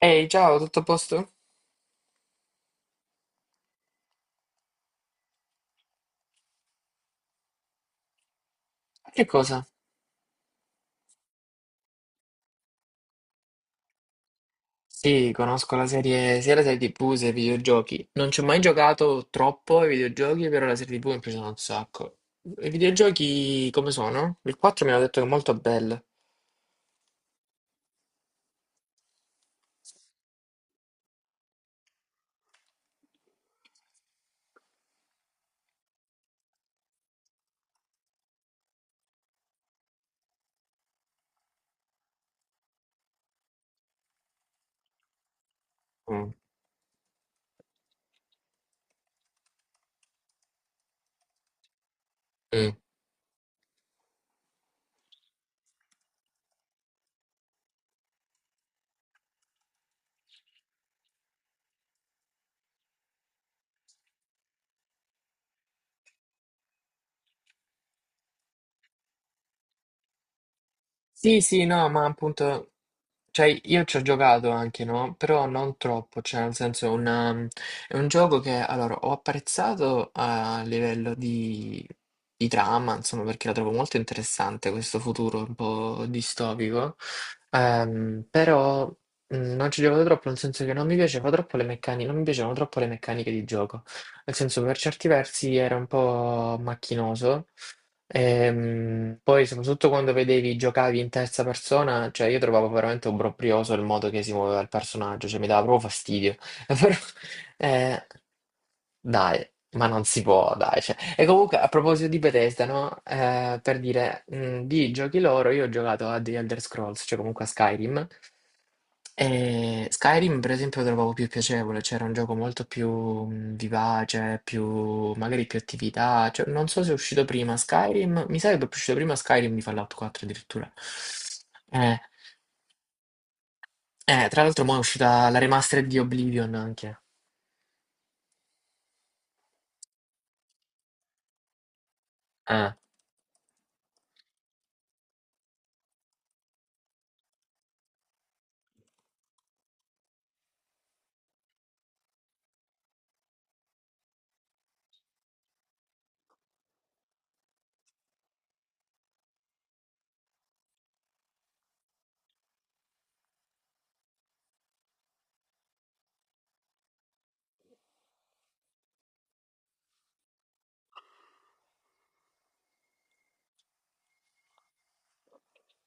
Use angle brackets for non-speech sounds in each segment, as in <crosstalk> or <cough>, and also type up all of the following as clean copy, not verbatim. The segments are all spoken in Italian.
Ehi, ciao, tutto a posto? Che cosa? Sì, conosco la serie, sia la serie TV che i videogiochi. Non ci ho mai giocato troppo ai videogiochi, però la serie TV mi è piaciuta un sacco. I videogiochi come sono? Il 4 mi hanno detto che è molto bello. Mm. Mm. Sì, sì, no, ma appunto, cioè io ci ho giocato anche, no? Però non troppo, cioè nel senso è un gioco che allora ho apprezzato a livello di trama, insomma, perché la trovo molto interessante questo futuro un po' distopico. Però non ci ho giocato troppo, nel senso che non mi piaceva troppo le meccaniche, non mi piacevano troppo le meccaniche di gioco, nel senso per certi versi era un po' macchinoso. Poi soprattutto quando vedevi giocavi in terza persona, cioè io trovavo veramente obbrobrioso il modo che si muoveva il personaggio, cioè mi dava proprio fastidio. <laughs> Però, eh, dai, ma non si può, dai, cioè, e comunque a proposito di Bethesda, no? Per dire, di giochi loro, io ho giocato a The Elder Scrolls, cioè comunque a Skyrim. E Skyrim, per esempio, lo trovavo più piacevole, c'era un gioco molto più vivace, più, magari più attività. Cioè, non so se è uscito prima Skyrim, mi sa che è uscito prima Skyrim di Fallout 4 addirittura. Eh, Tra l'altro, mo' è uscita la remastered di Oblivion anche. Eh,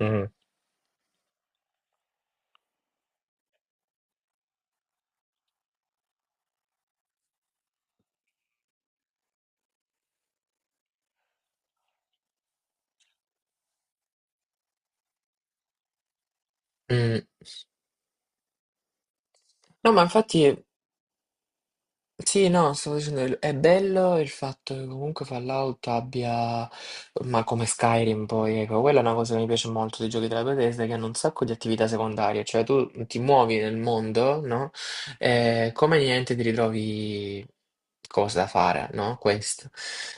mm. Mm. No, ma infatti. Sì, no, stavo dicendo, è bello il fatto che comunque Fallout abbia, ma come Skyrim poi, ecco, quella è una cosa che mi piace molto dei giochi della Bethesda, che hanno un sacco di attività secondarie, cioè tu ti muovi nel mondo, no? E come niente ti ritrovi cose da fare, no? Questo.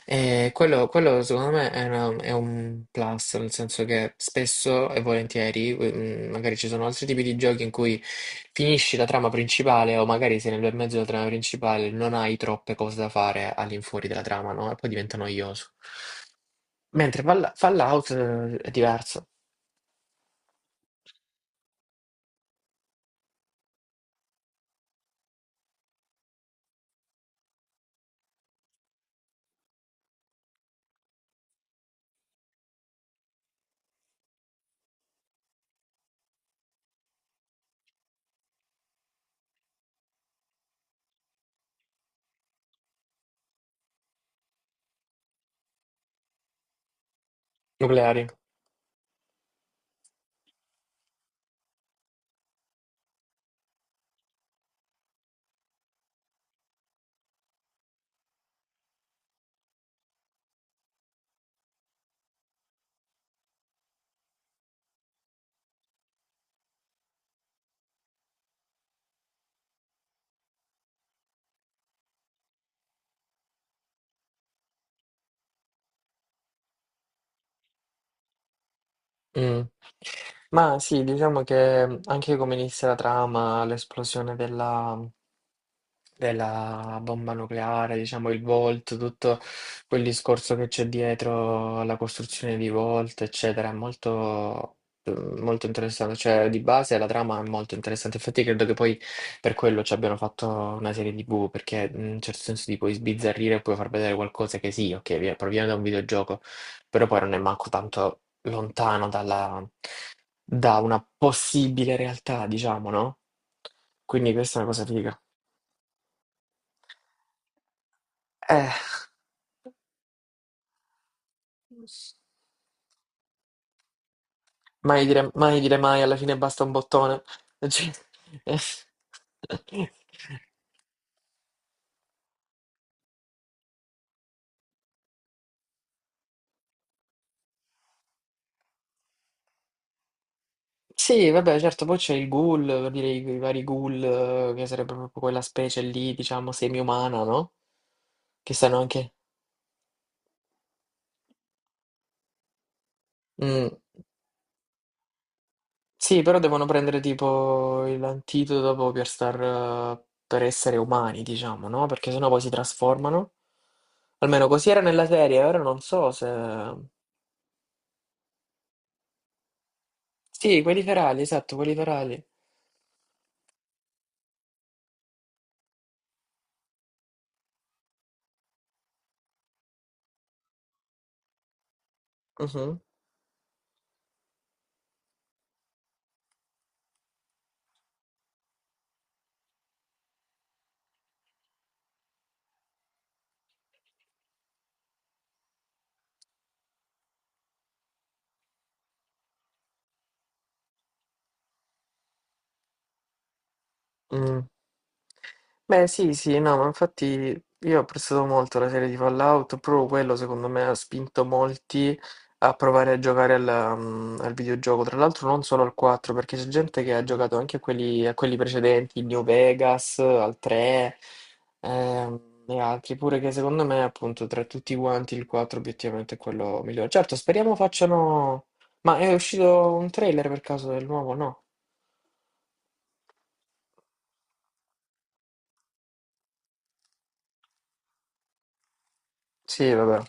E quello, secondo me è un plus, nel senso che spesso e volentieri, magari ci sono altri tipi di giochi in cui finisci la trama principale o magari sei nel bel mezzo della trama principale, non hai troppe cose da fare all'infuori della trama, no? E poi diventa noioso. Mentre Fallout è diverso. Nucleari. Mm. Ma sì, diciamo che anche come inizia la trama, l'esplosione della bomba nucleare, diciamo il Volt, tutto quel discorso che c'è dietro alla costruzione di Volt, eccetera, è molto, molto interessante. Cioè, di base la trama è molto interessante. Infatti, credo che poi per quello ci abbiano fatto una serie TV, perché in un certo senso ti puoi sbizzarrire e puoi far vedere qualcosa che sì, ok, proviene da un videogioco, però poi non è manco tanto lontano da una possibile realtà, diciamo, no? Quindi questa è una cosa figa. Eh. Mai dire mai, dire mai, alla fine basta un bottone. <laughs> Cioè, eh. Sì, vabbè, certo, poi c'è il ghoul, per dire i vari ghoul, che sarebbe proprio quella specie lì, diciamo, semi-umana, no? Che stanno anche... Mm. Sì, però devono prendere tipo l'antidoto dopo per star, per essere umani, diciamo, no? Perché sennò poi si trasformano. Almeno così era nella serie, ora non so se... Sì, quelli ferali, esatto, quelli ferali. Mhm. Mm. Beh, sì, sì, no, ma infatti io ho apprezzato molto la serie di Fallout, proprio quello secondo me ha spinto molti a provare a giocare al, al videogioco, tra l'altro non solo al 4, perché c'è gente che ha giocato anche a a quelli precedenti, il New Vegas, al 3, e altri, pure che secondo me appunto tra tutti quanti il 4 obiettivamente è quello migliore. Certo, speriamo facciano... Ma è uscito un trailer per caso del nuovo? No? Sì, vabbè.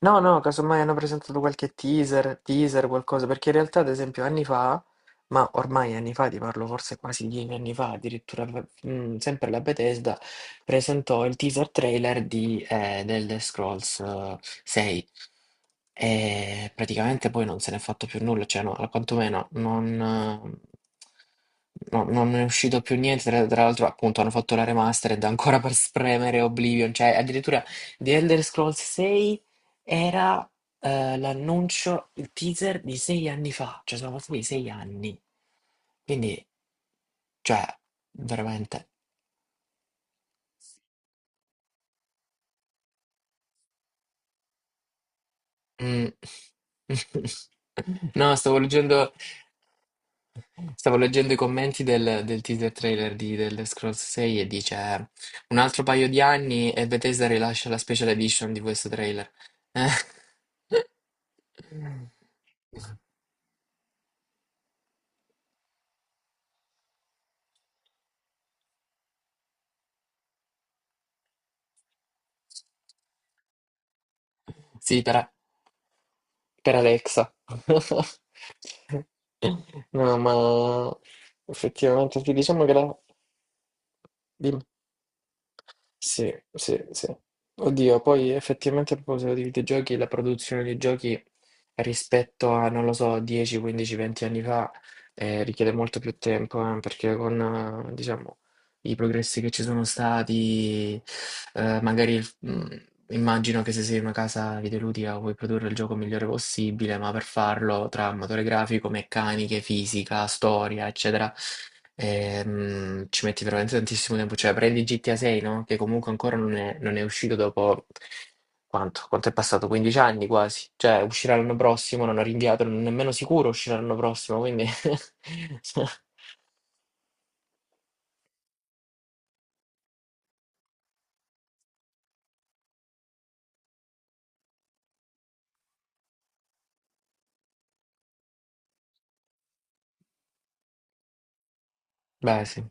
No, no, casomai hanno presentato qualche teaser, qualcosa, perché in realtà, ad esempio, anni fa, ma ormai anni fa, ti parlo forse quasi 10 anni fa, addirittura, sempre la Bethesda presentò il teaser trailer di, The Elder Scrolls 6, e praticamente poi non se n'è fatto più nulla, cioè, no, quantomeno non, non è uscito più niente, tra l'altro appunto hanno fatto la remastered ancora per spremere Oblivion, cioè addirittura... The Elder Scrolls 6 era l'annuncio, il teaser di sei anni fa, cioè sono passati sei anni. Quindi, cioè, veramente. mm. <laughs> No, stavo leggendo i commenti del, del teaser trailer di The Elder Scrolls 6 e dice un altro paio di anni e Bethesda rilascia la special edition di questo trailer. Eh. <laughs> Sì, però. Per Alexa. <laughs> No, ma effettivamente ti diciamo che la... dimmi. Sì, sì, sì. Oddio, poi effettivamente a proposito di videogiochi, la produzione di giochi rispetto a, non lo so, 10, 15, 20 anni fa, richiede molto più tempo, perché con, diciamo, i progressi che ci sono stati, magari immagino che se sei una casa videoludica vuoi produrre il gioco migliore possibile, ma per farlo tra motore grafico, meccaniche, fisica, storia, eccetera, ci metti veramente tantissimo tempo. Cioè, prendi GTA 6, no? Che comunque ancora non è uscito dopo quanto? Quanto è passato? 15 anni quasi. Cioè, uscirà l'anno prossimo, non ho rinviato, non è nemmeno sicuro uscirà l'anno prossimo, quindi... <laughs> Beh, sì.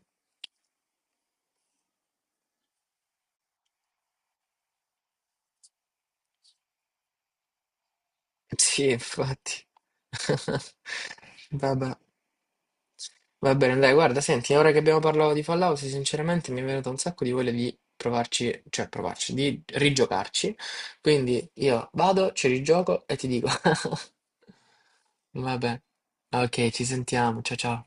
Sì, infatti. <laughs> Vabbè. Va bene, dai, guarda, senti, ora che abbiamo parlato di Fallout, sinceramente mi è venuto un sacco di voglia di provarci, cioè provarci, di rigiocarci. Quindi io vado, ci rigioco e ti dico. <laughs> Vabbè. Ok, ci sentiamo. Ciao ciao.